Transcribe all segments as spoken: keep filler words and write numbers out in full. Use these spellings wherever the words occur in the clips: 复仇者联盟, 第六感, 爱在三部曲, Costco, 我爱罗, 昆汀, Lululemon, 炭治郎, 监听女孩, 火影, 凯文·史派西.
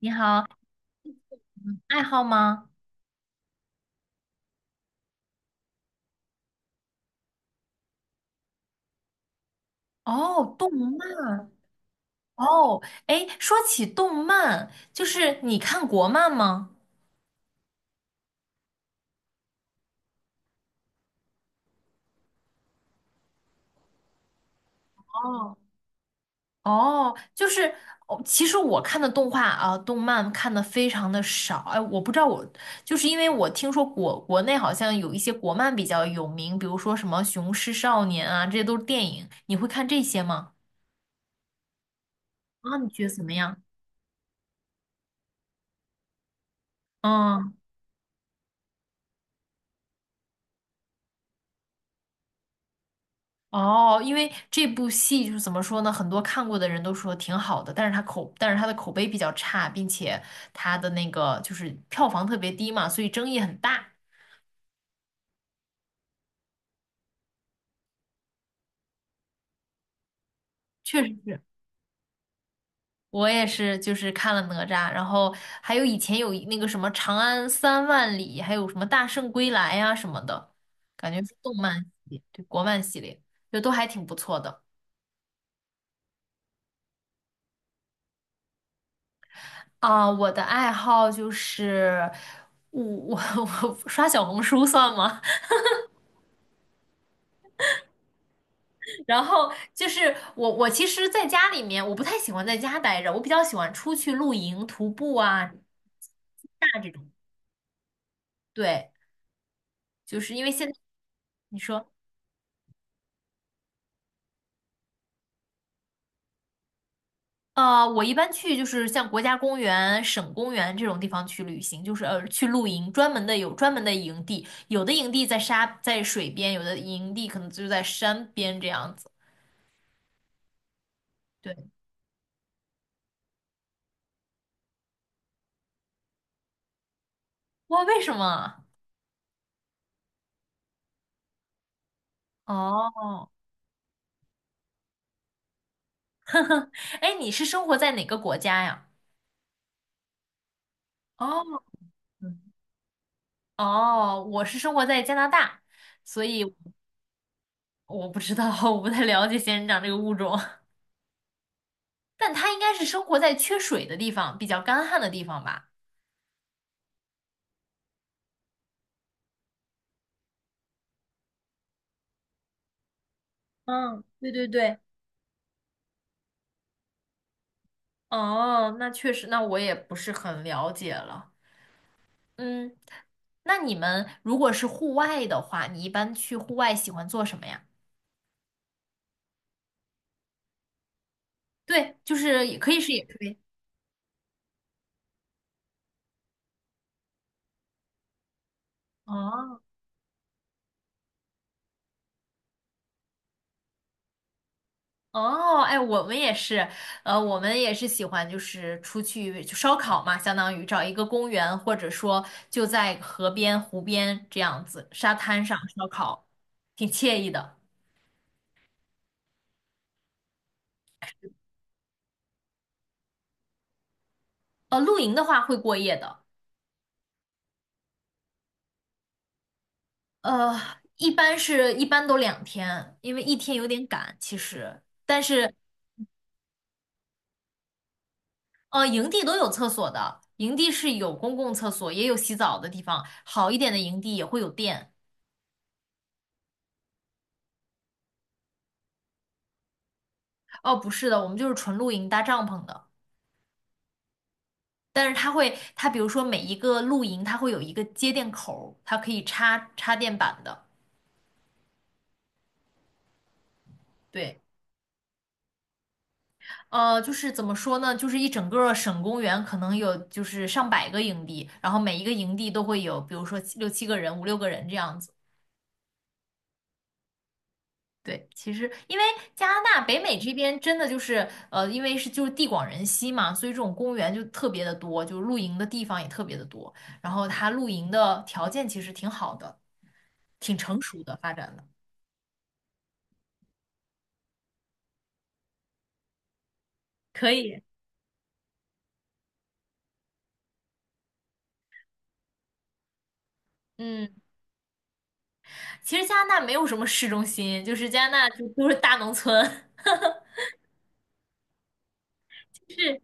你好，爱好吗？哦，动漫。哦，哎，说起动漫，就是你看国漫吗？哦，哦，就是哦，其实我看的动画啊，动漫看的非常的少。哎，我不知道我，就是因为我听说国国内好像有一些国漫比较有名，比如说什么《雄狮少年》啊，这些都是电影。你会看这些吗？啊，你觉得怎么样？嗯。哦，因为这部戏就是怎么说呢，很多看过的人都说挺好的，但是它口，但是它的口碑比较差，并且它的那个就是票房特别低嘛，所以争议很大。确实是，我也是，就是看了哪吒，然后还有以前有一那个什么《长安三万里》，还有什么《大圣归来》呀什么的，感觉是动漫系列，对，国漫系列，就都还挺不错的。啊，我的爱好就是我我我 刷小红书算吗？然后就是我，我其实在家里面，我不太喜欢在家待着，我比较喜欢出去露营、徒步啊、大这种。对，就是因为现在你说，呃，我一般去就是像国家公园、省公园这种地方去旅行，就是呃去露营，专门的有专门的营地，有的营地在沙在水边，有的营地可能就在山边这样子。对，哇，为什么啊？哦，哎，你是生活在哪个国家呀？哦，嗯。哦，我是生活在加拿大，所以我不知道，我不太了解仙人掌这个物种，但它应该是生活在缺水的地方，比较干旱的地方吧？嗯，对对对，哦，那确实，那我也不是很了解了。嗯，那你们如果是户外的话，你一般去户外喜欢做什么呀？对，就是也可以是野炊。哦，哦，哎，我们也是，呃，我们也是喜欢就是出去就烧烤嘛，相当于找一个公园，或者说就在河边、湖边这样子，沙滩上烧烤，挺惬意的。呃，露营的话会过夜的，呃，一般是一般都两天，因为一天有点赶其实，但是呃，营地都有厕所的，营地是有公共厕所，也有洗澡的地方，好一点的营地也会有电。哦，不是的，我们就是纯露营搭帐篷的。但是它会，它比如说每一个露营，它会有一个接电口儿它可以插插电板的。对，呃，就是怎么说呢？就是一整个省公园可能有就是上百个营地，然后每一个营地都会有，比如说七六七个人、五六个人这样子。对，其实因为加拿大北美这边真的就是呃，因为是就是地广人稀嘛，所以这种公园就特别的多，就是露营的地方也特别的多，然后它露营的条件其实挺好的，挺成熟的发展的，可以。嗯。其实加拿大没有什么市中心，就是加拿大就都是大农村，是，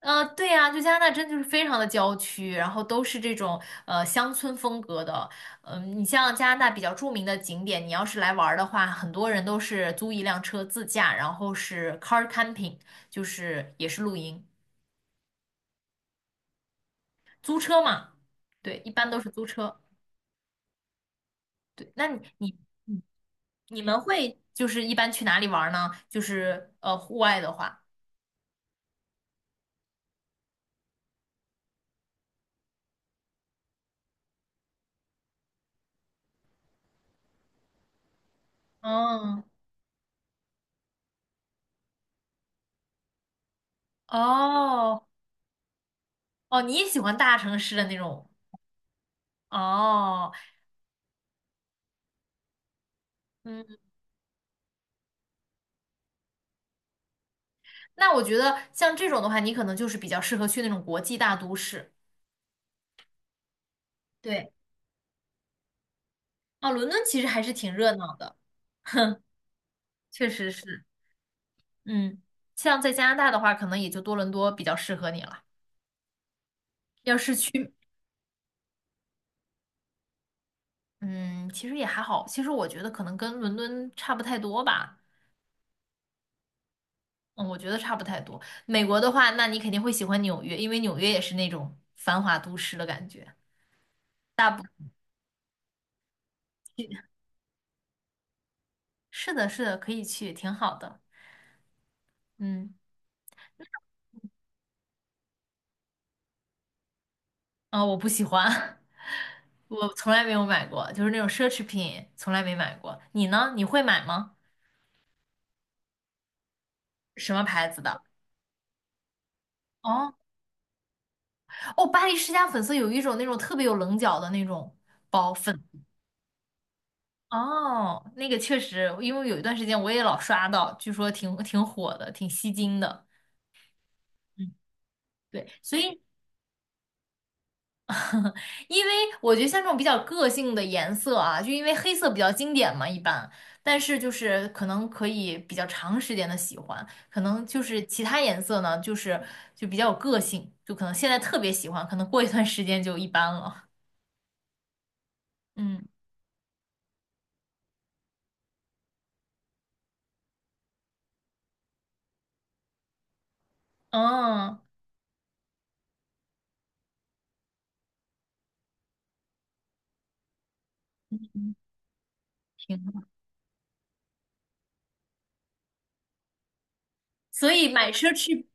呃，对呀、就加拿大真就是非常的郊区，然后都是这种呃乡村风格的。嗯、你像加拿大比较著名的景点，你要是来玩儿的话，很多人都是租一辆车自驾，然后是 car camping,就是也是露营，租车嘛，对，一般都是租车。对，那你你你你们会就是一般去哪里玩儿呢？就是呃户外的话，嗯。哦，哦，你也喜欢大城市的那种哦，嗯，那我觉得像这种的话，你可能就是比较适合去那种国际大都市。对，哦，伦敦其实还是挺热闹的，确实是，嗯，像在加拿大的话，可能也就多伦多比较适合你了。要是去，嗯，其实也还好，其实我觉得可能跟伦敦差不太多吧，嗯，我觉得差不太多。美国的话，那你肯定会喜欢纽约，因为纽约也是那种繁华都市的感觉。大部是的，是的，可以去，挺好的，嗯。啊、我不喜欢，我从来没有买过，就是那种奢侈品，从来没买过。你呢？你会买吗？什么牌子的？哦哦，巴黎世家粉色有一种那种特别有棱角的那种包粉。哦，那个确实，因为有一段时间我也老刷到，据说挺挺火的，挺吸睛的。嗯，对，所以因为我觉得像这种比较个性的颜色啊，就因为黑色比较经典嘛，一般，但是就是可能可以比较长时间的喜欢，可能就是其他颜色呢，就是就比较有个性，就可能现在特别喜欢，可能过一段时间就一般了。嗯，哦，挺好。所以买奢侈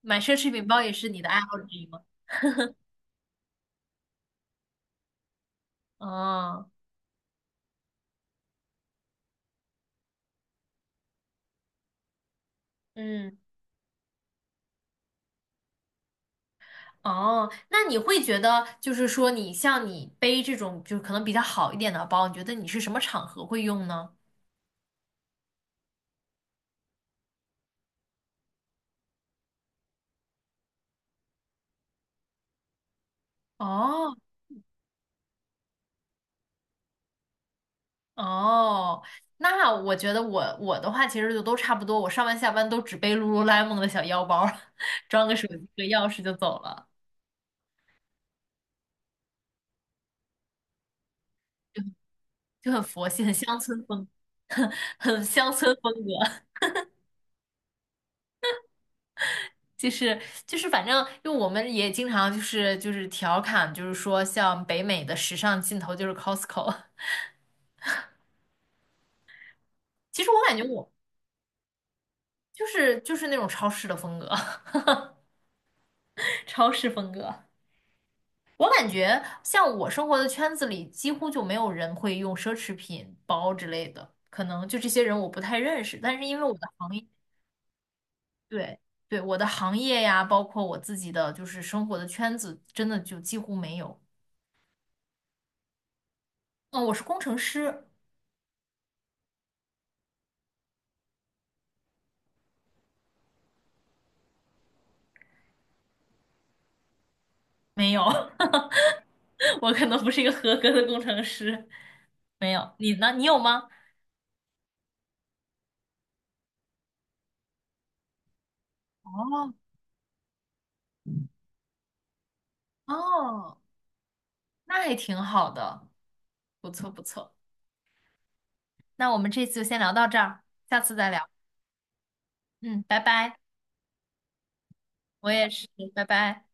买奢侈品包也是你的爱好之一吗？哦，嗯。哦，那你会觉得，就是说，你像你背这种，就是可能比较好一点的包，你觉得你是什么场合会用呢？哦哦，那我觉得我我的话其实就都差不多，我上班下班都只背 Lululemon 的小腰包儿 装个手机、和钥匙就走了，就很佛系，很乡村风，很很乡村风格。就是就是反正因为我们也经常就是就是调侃，就是说像北美的时尚尽头就是 Costco。其实我感觉我就是就是那种超市的风格，超市风格。我感觉像我生活的圈子里，几乎就没有人会用奢侈品包之类的，可能就这些人我不太认识。但是因为我的行业，对对，我的行业呀，包括我自己的就是生活的圈子，真的就几乎没有。嗯，我是工程师，没有，我可能不是一个合格的工程师，没有。你呢？你有吗？哦哦，那还挺好的，不错不错。那我们这次就先聊到这儿，下次再聊。嗯，拜拜。我也是，拜拜。